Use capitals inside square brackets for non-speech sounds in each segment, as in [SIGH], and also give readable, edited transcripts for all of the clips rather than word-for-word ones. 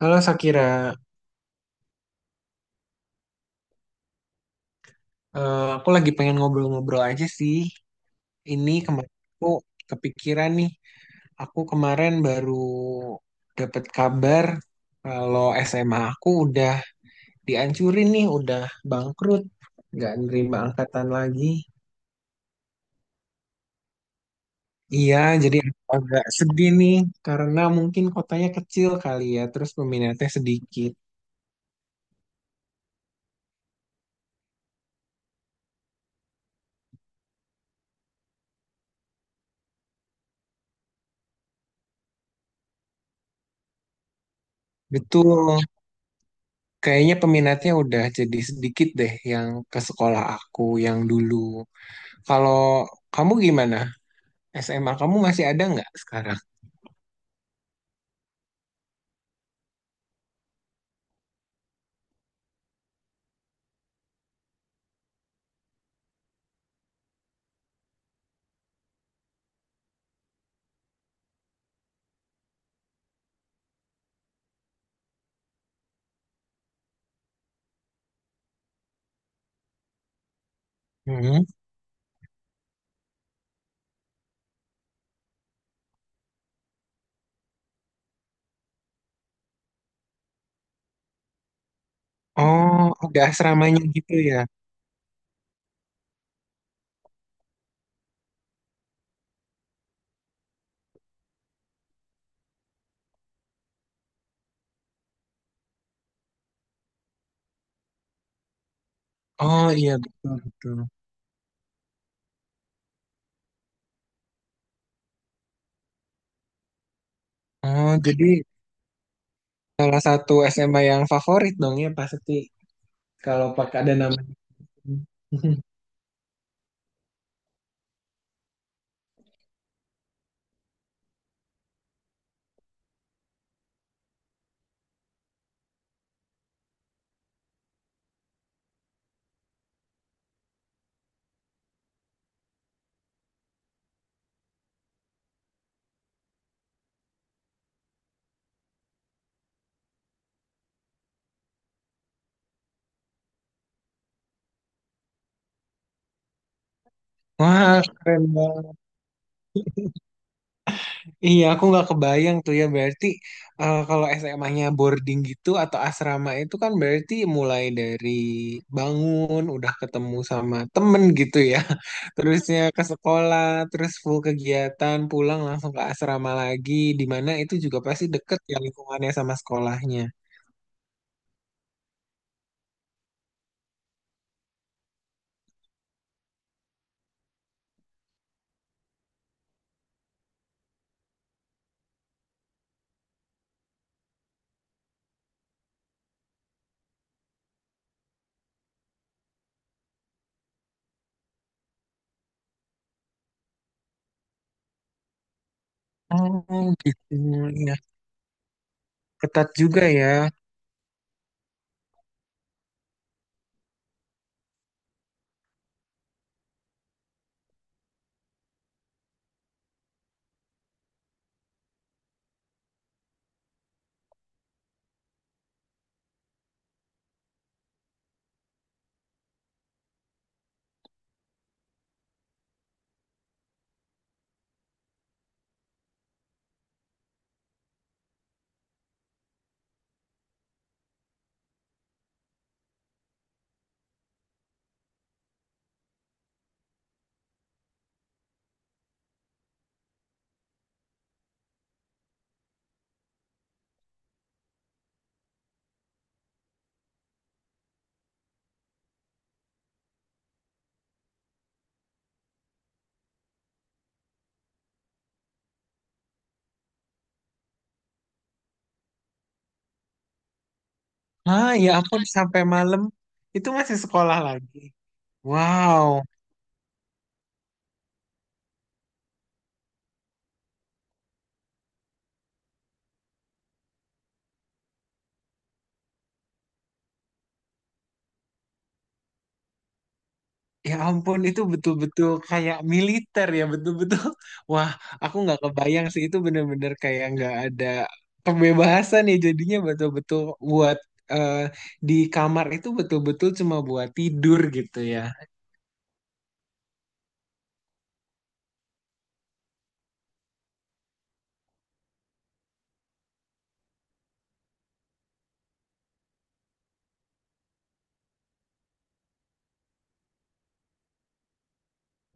Halo Sakira. Aku lagi pengen ngobrol-ngobrol aja sih. Ini kemarin aku kepikiran nih, aku kemarin baru dapat kabar kalau SMA aku udah dihancurin nih, udah bangkrut, nggak nerima angkatan lagi. Iya, jadi aku agak sedih nih karena mungkin kotanya kecil kali ya, terus peminatnya sedikit. Betul, kayaknya peminatnya udah jadi sedikit deh yang ke sekolah aku yang dulu. Kalau kamu gimana? SMA kamu masih ada nggak sekarang? Hmm. Oh, udah asramanya gitu ya? Oh iya, betul betul. Oh, jadi salah satu SMA yang favorit dong ya pasti kalau pakai ada nama. [LAUGHS] Wah, keren banget. Iya, aku nggak kebayang tuh ya. Berarti kalau SMA-nya boarding gitu atau asrama itu kan berarti mulai dari bangun, udah ketemu sama temen gitu ya. [LAUGHS] Terusnya ke sekolah, terus full kegiatan, pulang langsung ke asrama lagi. Di mana itu juga pasti deket ya lingkungannya sama sekolahnya. Oh gitu, ya. Ketat juga ya. Ah, ya ampun, sampai malam itu masih sekolah lagi. Wow. Ya ampun, itu betul-betul kayak militer ya, betul-betul. [LAUGHS] Wah, aku nggak kebayang sih, itu bener-bener kayak nggak ada kebebasan ya jadinya betul-betul buat eh, di kamar itu betul-betul cuma buat tidur gitu ya.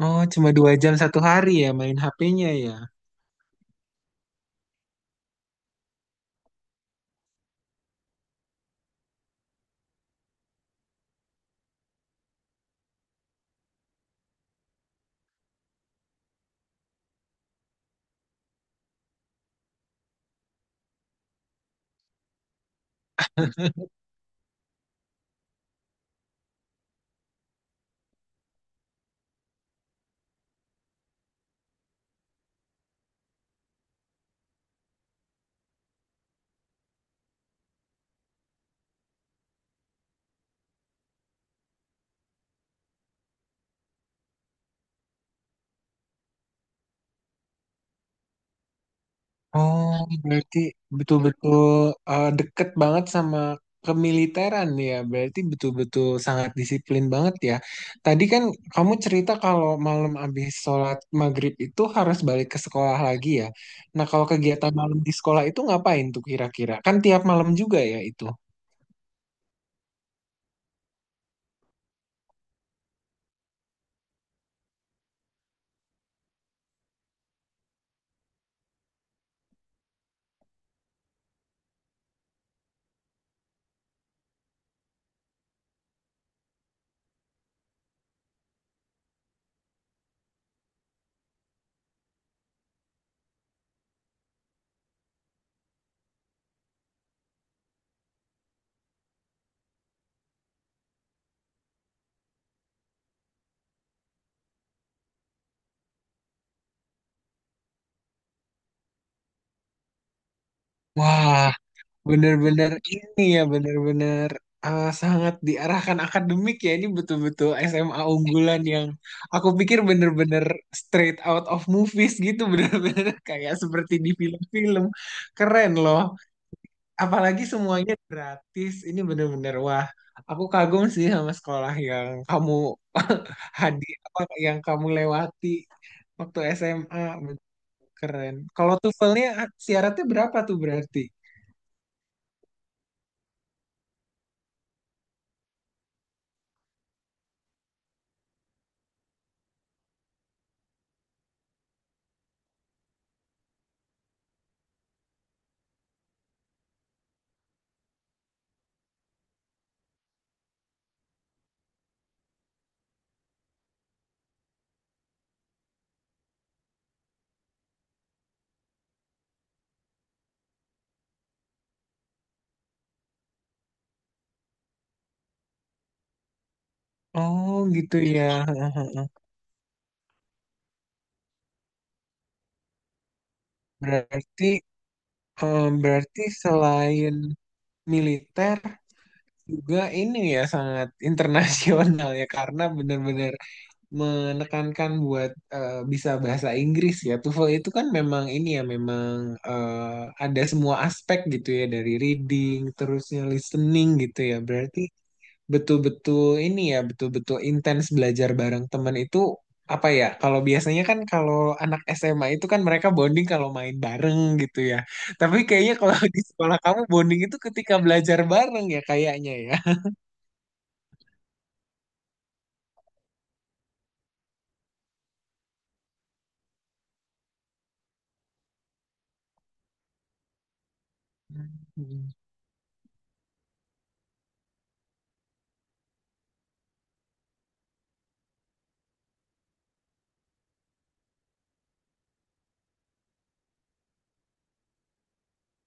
Oh, cuma dua jam satu hari ya main HP-nya ya. Oh, berarti betul-betul deket banget sama kemiliteran ya. Berarti betul-betul sangat disiplin banget ya. Tadi kan kamu cerita kalau malam habis sholat maghrib itu harus balik ke sekolah lagi ya. Nah, kalau kegiatan malam di sekolah itu ngapain tuh kira-kira? Kan tiap malam juga ya itu. Wah, bener-bener ini ya, bener-bener sangat diarahkan akademik ya. Ini betul-betul SMA unggulan yang aku pikir bener-bener straight out of movies gitu. Bener-bener [LAUGHS] kayak seperti di film-film. Keren loh. Apalagi semuanya gratis. Ini bener-bener, wah. Aku kagum sih sama sekolah yang kamu [LAUGHS] hadir, apa yang kamu lewati waktu SMA. Betul. Keren. Kalau TOEFL-nya syaratnya berapa tuh berarti? Oh gitu ya. Heeh, heeh. Berarti berarti selain militer juga ini ya sangat [LAUGHS] internasional ya karena benar-benar menekankan buat bisa bahasa Inggris ya. TOEFL itu kan memang ini ya memang eh, ada semua aspek gitu ya dari reading terusnya listening gitu ya. Berarti betul-betul ini ya, betul-betul intens belajar bareng temen itu apa ya? Kalau biasanya kan kalau anak SMA itu kan mereka bonding kalau main bareng gitu ya. Tapi kayaknya kalau di sekolah kamu bonding itu ketika belajar bareng ya kayaknya ya. Hmm.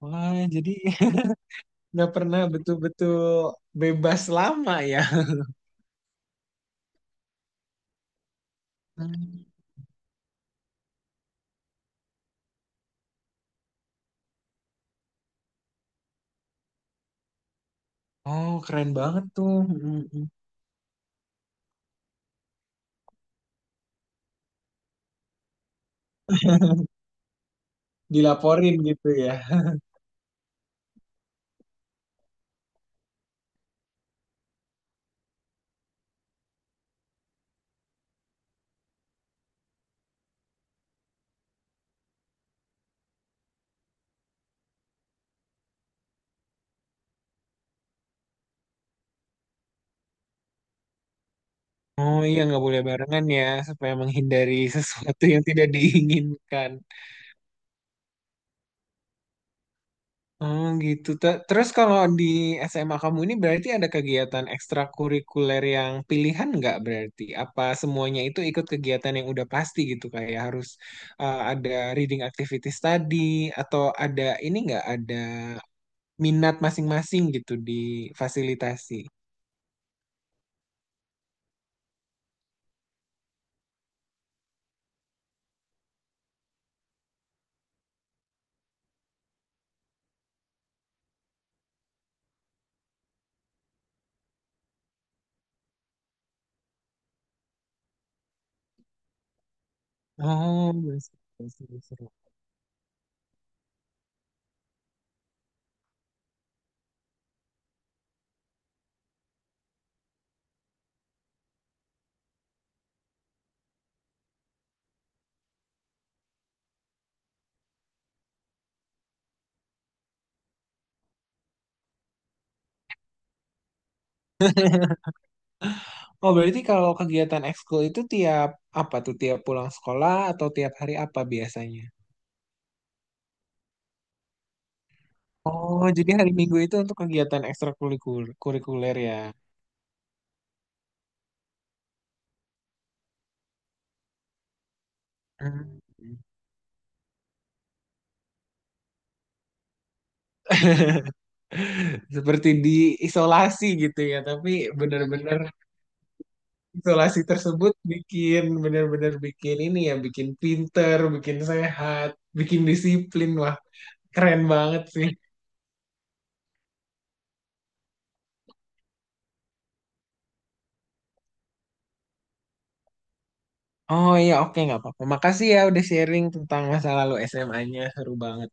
Wah, jadi [LAUGHS] nggak pernah betul-betul bebas lama ya. Hmm. Oh, keren banget tuh. Hmm, hmm. Dilaporin gitu ya. Oh iya, nggak boleh barengan ya, supaya menghindari sesuatu yang tidak diinginkan. Oh gitu. Terus kalau di SMA kamu ini berarti ada kegiatan ekstrakurikuler yang pilihan nggak berarti? Apa semuanya itu ikut kegiatan yang udah pasti gitu kayak harus ada reading activities tadi atau ada ini nggak ada minat masing-masing gitu di fasilitasi? Oh, seru, seru, seru. Oh, berarti kalau kegiatan ekskul itu tiap apa tuh? Tiap pulang sekolah atau tiap hari apa biasanya? Oh, jadi hari Minggu itu untuk kegiatan ekstrakurikuler ya. Hmm. Seperti diisolasi gitu ya, tapi benar-benar isolasi tersebut bikin benar-benar bikin ini ya, bikin pinter, bikin sehat, bikin disiplin. Wah, keren banget sih. Oh iya, oke nggak apa-apa. Makasih ya udah sharing tentang masa lalu SMA-nya, seru banget.